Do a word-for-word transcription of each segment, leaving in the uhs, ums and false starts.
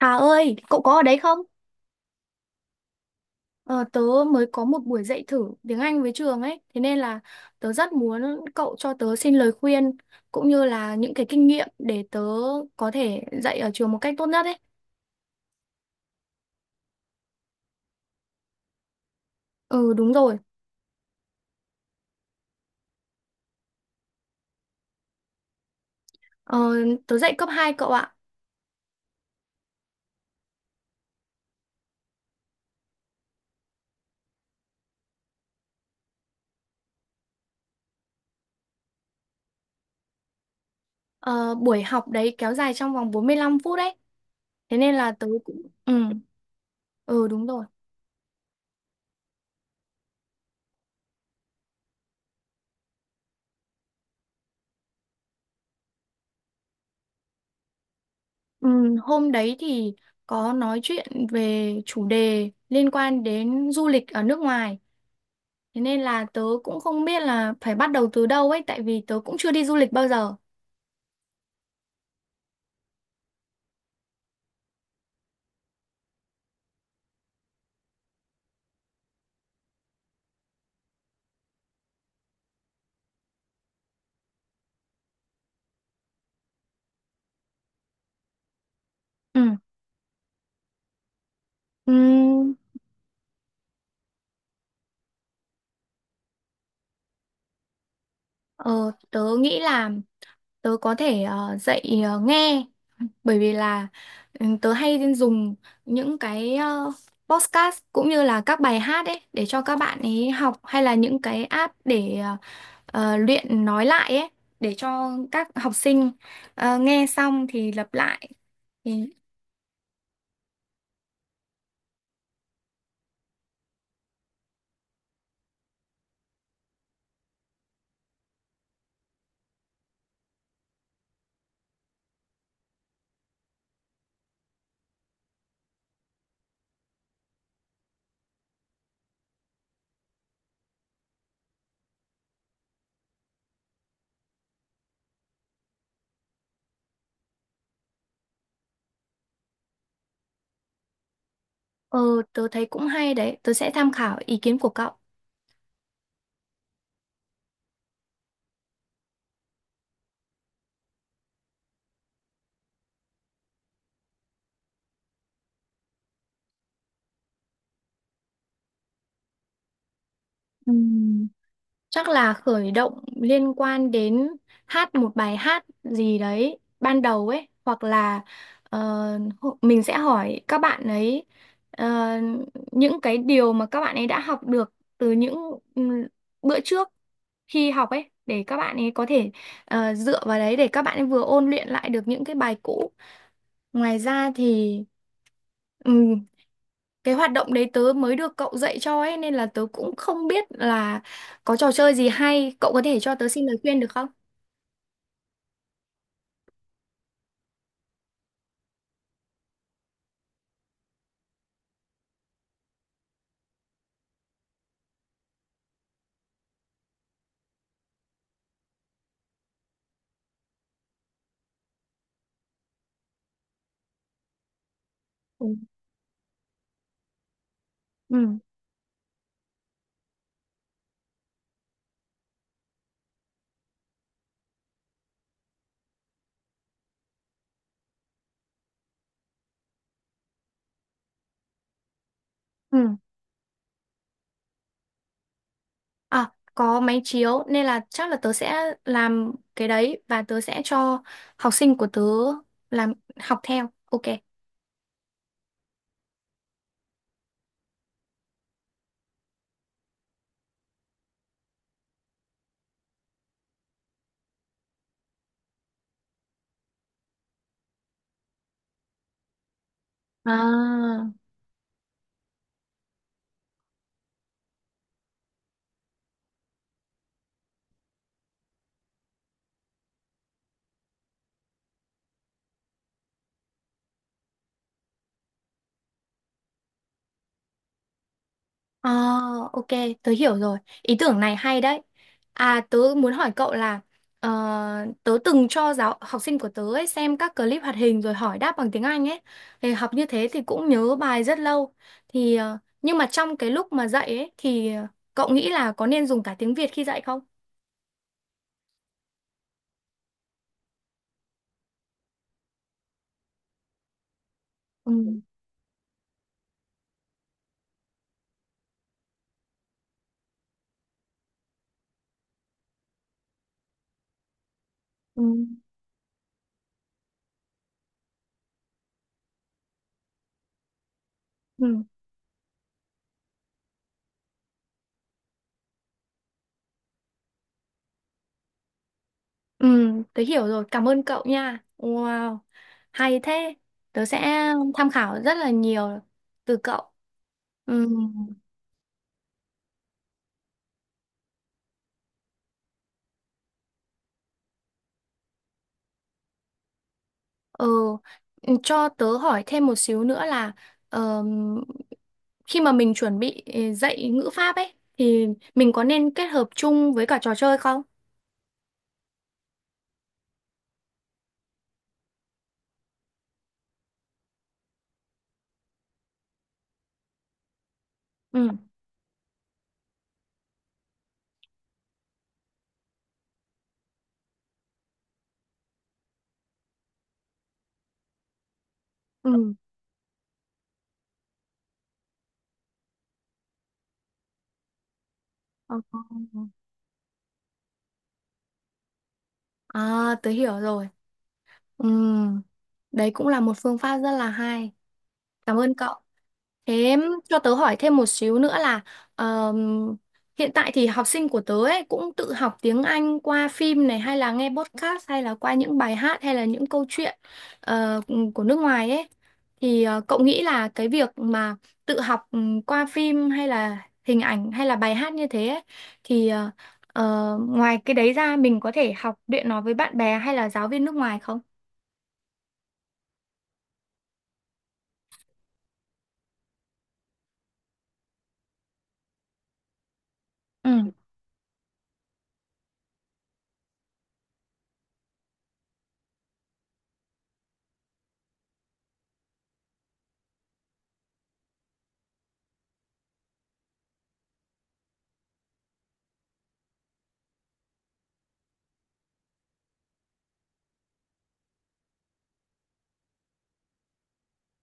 Hà ơi, cậu có ở đấy không? Ờ, tớ mới có một buổi dạy thử tiếng Anh với trường ấy, thế nên là tớ rất muốn cậu cho tớ xin lời khuyên cũng như là những cái kinh nghiệm để tớ có thể dạy ở trường một cách tốt nhất ấy. Ừ, đúng rồi. ờ, Tớ dạy cấp hai, cậu ạ. Ờ, buổi học đấy kéo dài trong vòng bốn mươi lăm phút đấy, thế nên là tớ cũng. Ừ, ừ đúng rồi. Ừ, hôm đấy thì có nói chuyện về chủ đề liên quan đến du lịch ở nước ngoài. Thế nên là tớ cũng không biết là phải bắt đầu từ đâu ấy, tại vì tớ cũng chưa đi du lịch bao giờ. Ừ. Ừm, ờ, Tớ nghĩ là tớ có thể ờ, dạy ờ, nghe, bởi vì là ừ, tớ hay dùng những cái ờ, podcast cũng như là các bài hát ấy để cho các bạn ấy học, hay là những cái app để ờ, ờ, luyện nói lại ấy để cho các học sinh ờ, nghe xong thì lặp lại. Thì. ờ, Tớ thấy cũng hay đấy, tớ sẽ tham khảo ý kiến của cậu. Ừm, Chắc là khởi động liên quan đến hát một bài hát gì đấy ban đầu ấy, hoặc là ờ, hô- mình sẽ hỏi các bạn ấy ờ, những cái điều mà các bạn ấy đã học được từ những ừm, bữa trước khi học ấy để các bạn ấy có thể ờ, dựa vào đấy để các bạn ấy vừa ôn luyện lại được những cái bài cũ. Ngoài ra thì cái hoạt động đấy tớ mới được cậu dạy cho ấy, nên là tớ cũng không biết là có trò chơi gì hay, cậu có thể cho tớ xin lời khuyên được không? Ừ. Ừ. Ừ. À, có máy chiếu nên là chắc là tớ sẽ làm cái đấy, và tớ sẽ cho học sinh của tớ làm học theo. Ok. À. À, ok, tớ hiểu rồi. Ý tưởng này hay đấy. À, tớ muốn hỏi cậu là ờ, tớ từng cho giáo học sinh của tớ ấy xem các clip hoạt hình rồi hỏi đáp bằng tiếng Anh ấy. Thì học như thế thì cũng nhớ bài rất lâu. Thì ờ, nhưng mà trong cái lúc mà dạy ấy thì cậu nghĩ là có nên dùng cả tiếng Việt khi dạy không? Ừ, ừ, ừ, ừ, tớ hiểu rồi. Cảm ơn cậu nha. Wow, hay thế. Tớ sẽ tham khảo rất là nhiều từ cậu. Ừ. Ờ, cho tớ hỏi thêm một xíu nữa là ờm, khi mà mình chuẩn bị ờ, dạy ngữ pháp ấy thì mình có nên kết hợp chung với cả trò chơi không? Ừ. Ừ. Ờ. Ờ. À, tớ hiểu rồi. Ừ. Đấy cũng là một phương pháp rất là hay. Cảm ơn cậu. Thế em cho tớ hỏi thêm một xíu nữa là ờm, hiện tại thì học sinh của tớ ấy cũng tự học tiếng Anh qua phim này, hay là nghe podcast, hay là qua những bài hát, hay là những câu chuyện ờ, của nước ngoài ấy. Thì ờ, cậu nghĩ là cái việc mà tự học ừ, qua phim hay là hình ảnh hay là bài hát như thế ấy, thì ờ, ờ, ngoài cái đấy ra mình có thể học luyện nó với bạn bè hay là giáo viên nước ngoài không? Ừ.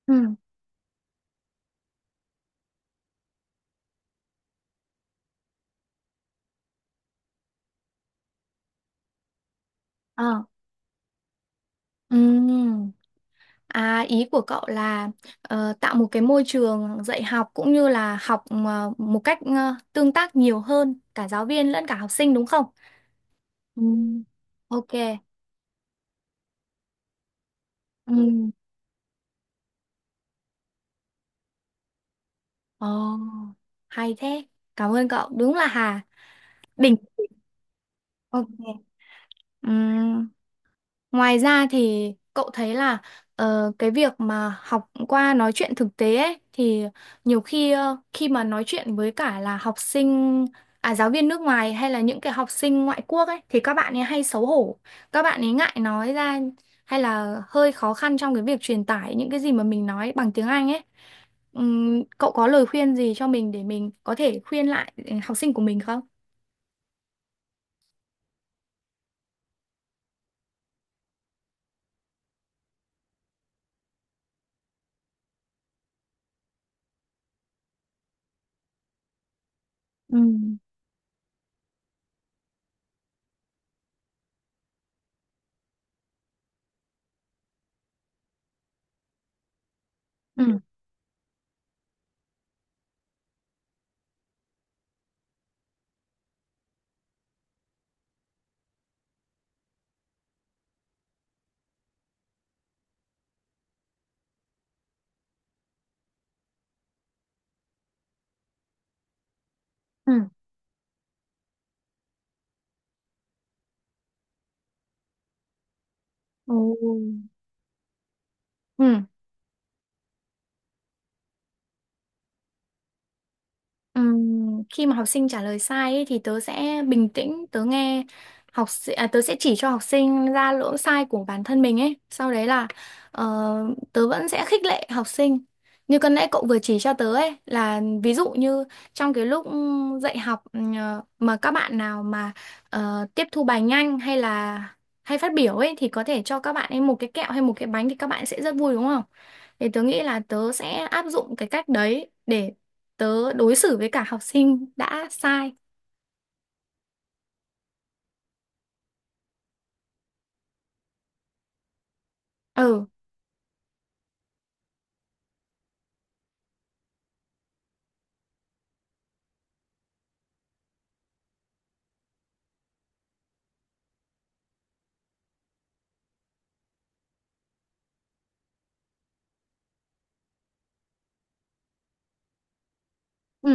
Ừ. Ờ. Ừ. À, ý của cậu là ờ, tạo một cái môi trường dạy học cũng như là học ờ, một cách ờ, tương tác nhiều hơn cả giáo viên lẫn cả học sinh đúng không? Ừ. Ok. Ừ. Ồ, hay thế. Cảm ơn cậu. Đúng là Hà. Đỉnh. Ok. Ừ. Ngoài ra thì cậu thấy là ờ, cái việc mà học qua nói chuyện thực tế ấy, thì nhiều khi ờ, khi mà nói chuyện với cả là học sinh, à giáo viên nước ngoài hay là những cái học sinh ngoại quốc ấy, thì các bạn ấy hay xấu hổ, các bạn ấy ngại nói ra, hay là hơi khó khăn trong cái việc truyền tải những cái gì mà mình nói bằng tiếng Anh ấy. Ừm, cậu có lời khuyên gì cho mình để mình có thể khuyên lại ừ, học sinh của mình không? Ừ. Ừ. Ừ. Ồ. Ừ. Ừm, khi mà học sinh trả lời sai ấy, thì tớ sẽ bình tĩnh, tớ nghe học si- à, tớ sẽ chỉ cho học sinh ra lỗi sai của bản thân mình ấy, sau đấy là ờ, tớ vẫn sẽ khích lệ học sinh như cân nãy cậu vừa chỉ cho tớ ấy, là ví dụ như trong cái lúc dạy học ừm, ờ, mà các bạn nào mà ờ, tiếp thu bài nhanh hay là hay phát biểu ấy, thì có thể cho các bạn ấy một cái kẹo hay một cái bánh thì các bạn sẽ rất vui, đúng không? Thì tớ nghĩ là tớ sẽ áp dụng cái cách đấy để tớ đối xử với cả học sinh đã sai. Ừ. Ừ.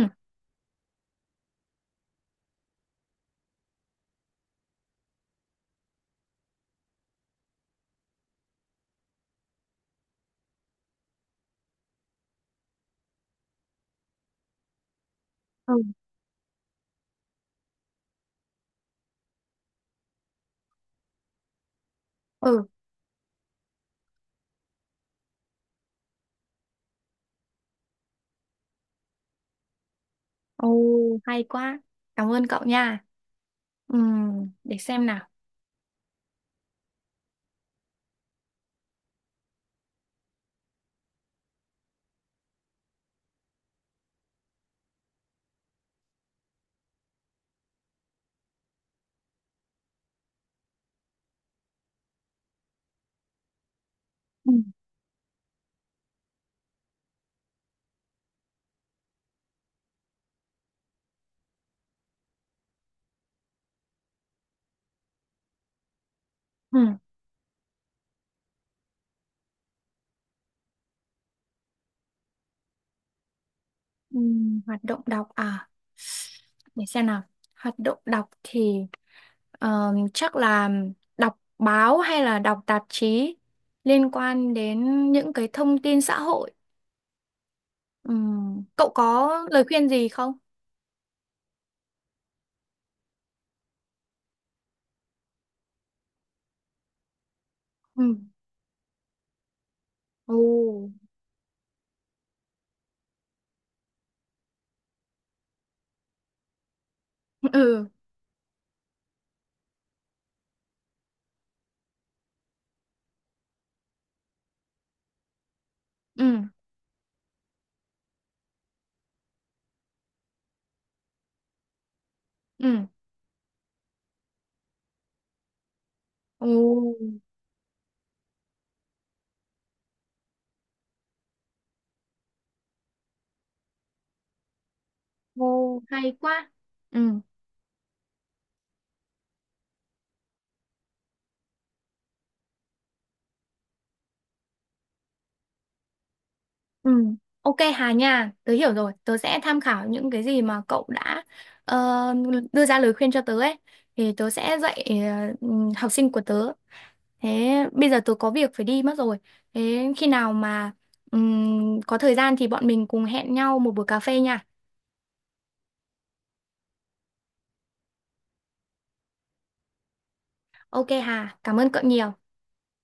Ừ. Ừ. Ồ, hay quá. Cảm ơn cậu nha. Ừ, để xem nào. Ừ. Ừ, ừ. Hoạt động đọc à? Để xem nào. Hoạt động đọc thì ờ, chắc là đọc báo hay là đọc tạp chí liên quan đến những cái thông tin xã hội. ừ Cậu có lời khuyên gì không? Ừ. Ồ. Ừ. Ừ. Ừ. Ồ. Ồ, hay quá. Ừ, ừ. Ok Hà nha, tớ hiểu rồi. Tớ sẽ tham khảo những cái gì mà cậu đã ờ, đưa ra lời khuyên cho tớ ấy. Thì tớ sẽ dạy ờ, ừ, học sinh của tớ. Thế bây giờ tớ có việc phải đi mất rồi. Thế khi nào mà ừm, có thời gian thì bọn mình cùng hẹn nhau một buổi cà phê nha. Ok Hà, cảm ơn cậu nhiều.